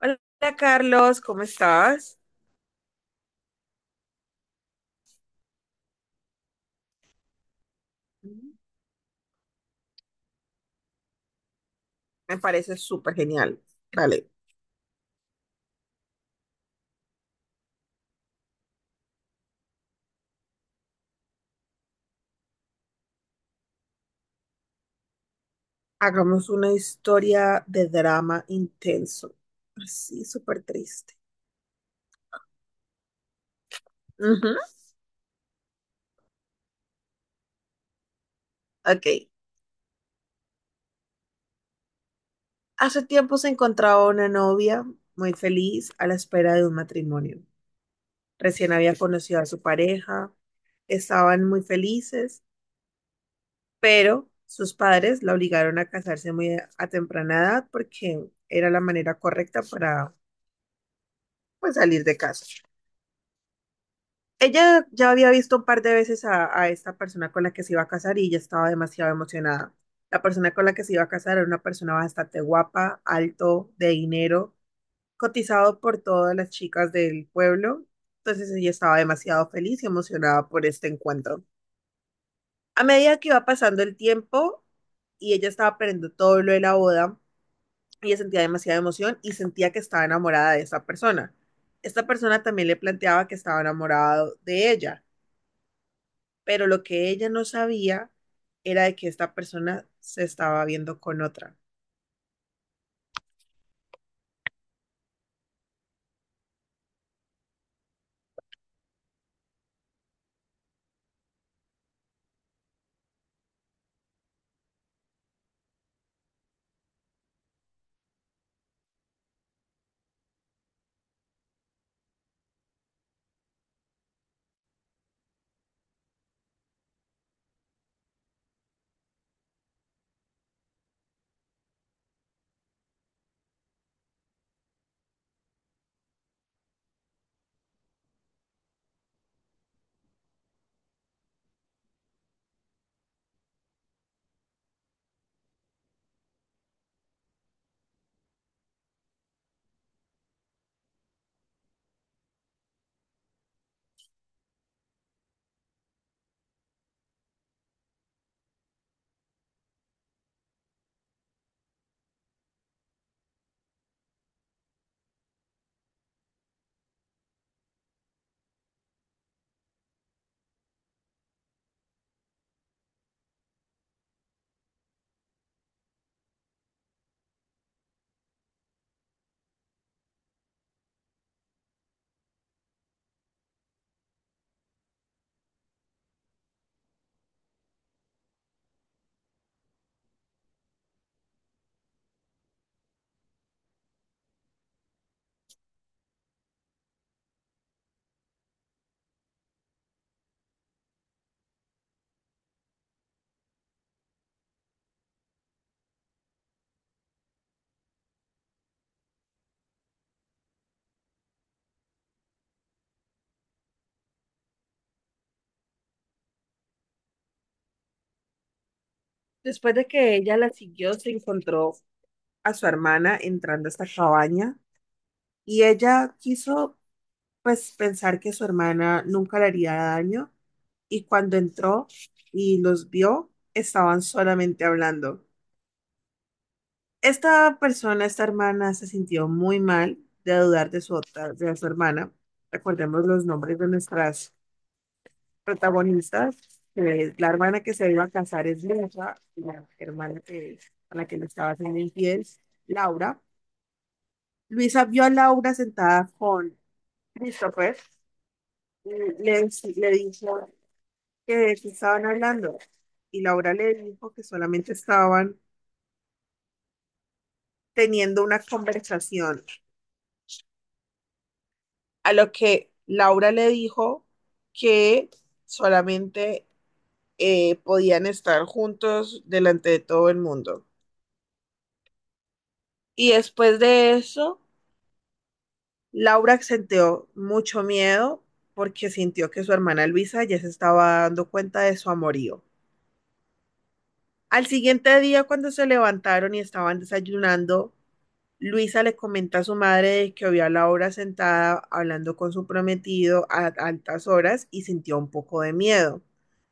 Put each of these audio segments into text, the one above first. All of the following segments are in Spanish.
Hola Carlos, ¿cómo estás? Me parece súper genial. Vale, hagamos una historia de drama intenso. Así, súper triste. Ujú. Ok. Hace tiempo se encontraba una novia muy feliz a la espera de un matrimonio. Recién había conocido a su pareja, estaban muy felices, pero sus padres la obligaron a casarse muy a temprana edad porque era la manera correcta para, pues, salir de casa. Ella ya había visto un par de veces a esta persona con la que se iba a casar y ya estaba demasiado emocionada. La persona con la que se iba a casar era una persona bastante guapa, alto, de dinero, cotizado por todas las chicas del pueblo. Entonces ella estaba demasiado feliz y emocionada por este encuentro. A medida que iba pasando el tiempo y ella estaba aprendiendo todo lo de la boda, ella sentía demasiada emoción y sentía que estaba enamorada de esa persona. Esta persona también le planteaba que estaba enamorado de ella, pero lo que ella no sabía era de que esta persona se estaba viendo con otra. Después de que ella la siguió, se encontró a su hermana entrando a esta cabaña y ella quiso, pues, pensar que su hermana nunca le haría daño, y cuando entró y los vio, estaban solamente hablando. Esta persona, esta hermana, se sintió muy mal de dudar de su otra, de su hermana. Recordemos los nombres de nuestras protagonistas. La hermana que se iba a casar es Luisa, y la hermana que, a la que le estaba haciendo infiel, Laura. Luisa vio a Laura sentada con Christopher, y le, le dijo que de qué estaban hablando, y Laura le dijo que solamente estaban teniendo una conversación, a lo que Laura le dijo que solamente podían estar juntos delante de todo el mundo. Y después de eso, Laura sentió mucho miedo porque sintió que su hermana Luisa ya se estaba dando cuenta de su amorío. Al siguiente día, cuando se levantaron y estaban desayunando, Luisa le comenta a su madre que vio a Laura sentada hablando con su prometido a altas horas y sintió un poco de miedo.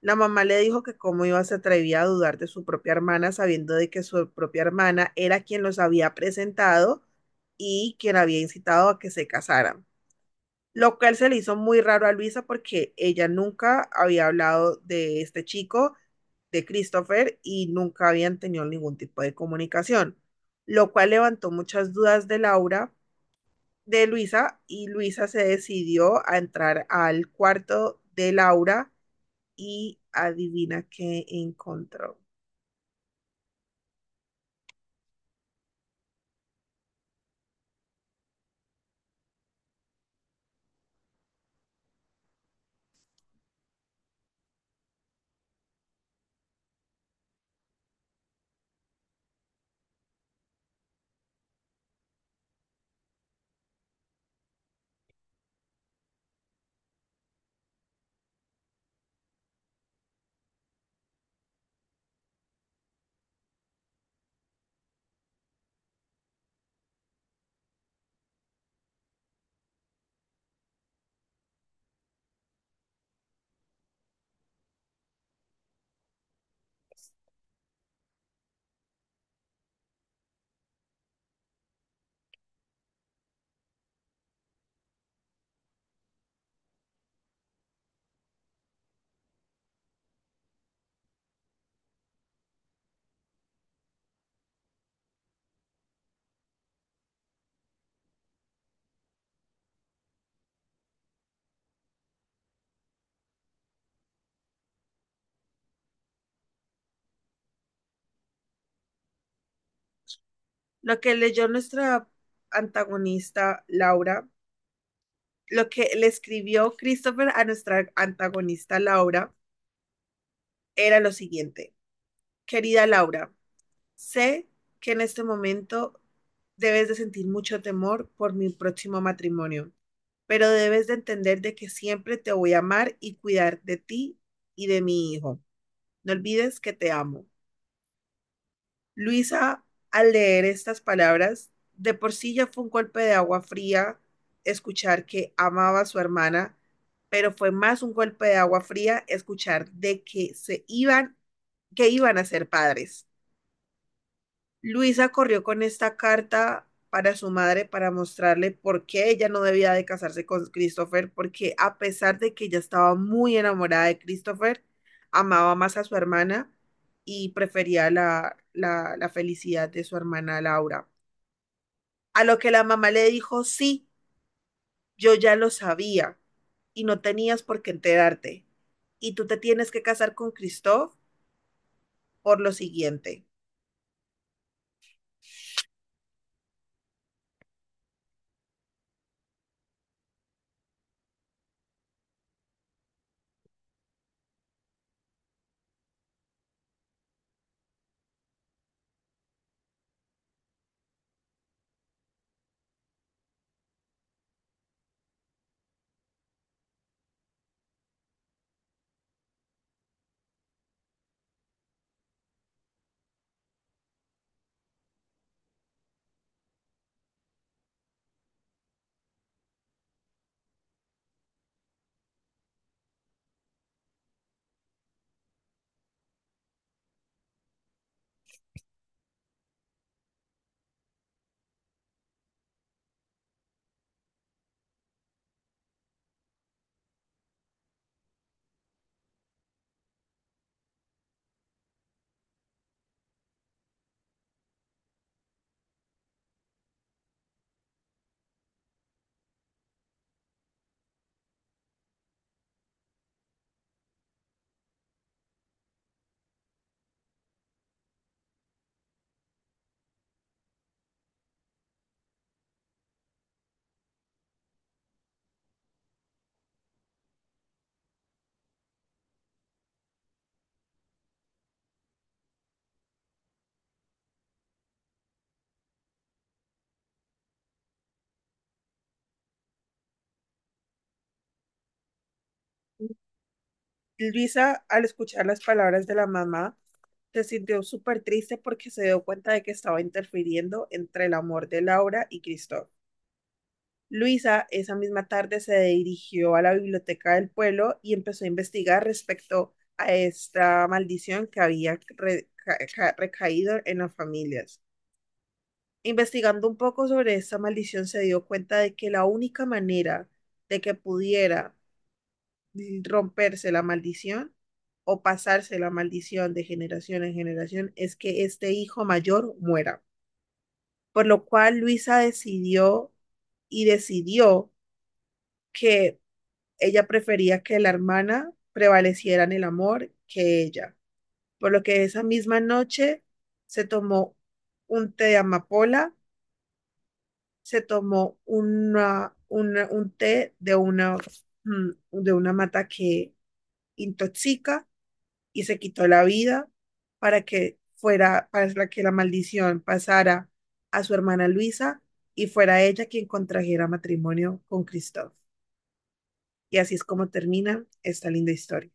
La mamá le dijo que cómo iba se atrevía a dudar de su propia hermana sabiendo de que su propia hermana era quien los había presentado y quien había incitado a que se casaran. Lo cual se le hizo muy raro a Luisa porque ella nunca había hablado de este chico, de Christopher, y nunca habían tenido ningún tipo de comunicación, lo cual levantó muchas dudas de Laura, de Luisa, y Luisa se decidió a entrar al cuarto de Laura y adivina qué encontró. Lo que leyó nuestra antagonista Laura, lo que le escribió Christopher a nuestra antagonista Laura era lo siguiente. Querida Laura, sé que en este momento debes de sentir mucho temor por mi próximo matrimonio, pero debes de entender de que siempre te voy a amar y cuidar de ti y de mi hijo. No olvides que te amo. Luisa, al leer estas palabras, de por sí ya fue un golpe de agua fría escuchar que amaba a su hermana, pero fue más un golpe de agua fría escuchar de que se iban, que iban a ser padres. Luisa corrió con esta carta para su madre para mostrarle por qué ella no debía de casarse con Christopher, porque a pesar de que ella estaba muy enamorada de Christopher, amaba más a su hermana y prefería la felicidad de su hermana Laura. A lo que la mamá le dijo, sí, yo ya lo sabía y no tenías por qué enterarte. Y tú te tienes que casar con Christoph por lo siguiente. Luisa, al escuchar las palabras de la mamá, se sintió súper triste porque se dio cuenta de que estaba interfiriendo entre el amor de Laura y Cristóbal. Luisa esa misma tarde se dirigió a la biblioteca del pueblo y empezó a investigar respecto a esta maldición que había recaído en las familias. Investigando un poco sobre esta maldición se dio cuenta de que la única manera de que pudiera romperse la maldición o pasarse la maldición de generación en generación es que este hijo mayor muera. Por lo cual Luisa decidió que ella prefería que la hermana prevaleciera en el amor que ella. Por lo que esa misma noche se tomó un té de amapola, se tomó un té de una, mm, de una mata que intoxica y se quitó la vida para que fuera, para que la maldición pasara a su hermana Luisa y fuera ella quien contrajera matrimonio con Christoph. Y así es como termina esta linda historia.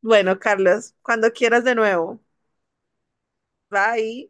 Bueno, Carlos, cuando quieras de nuevo. Bye.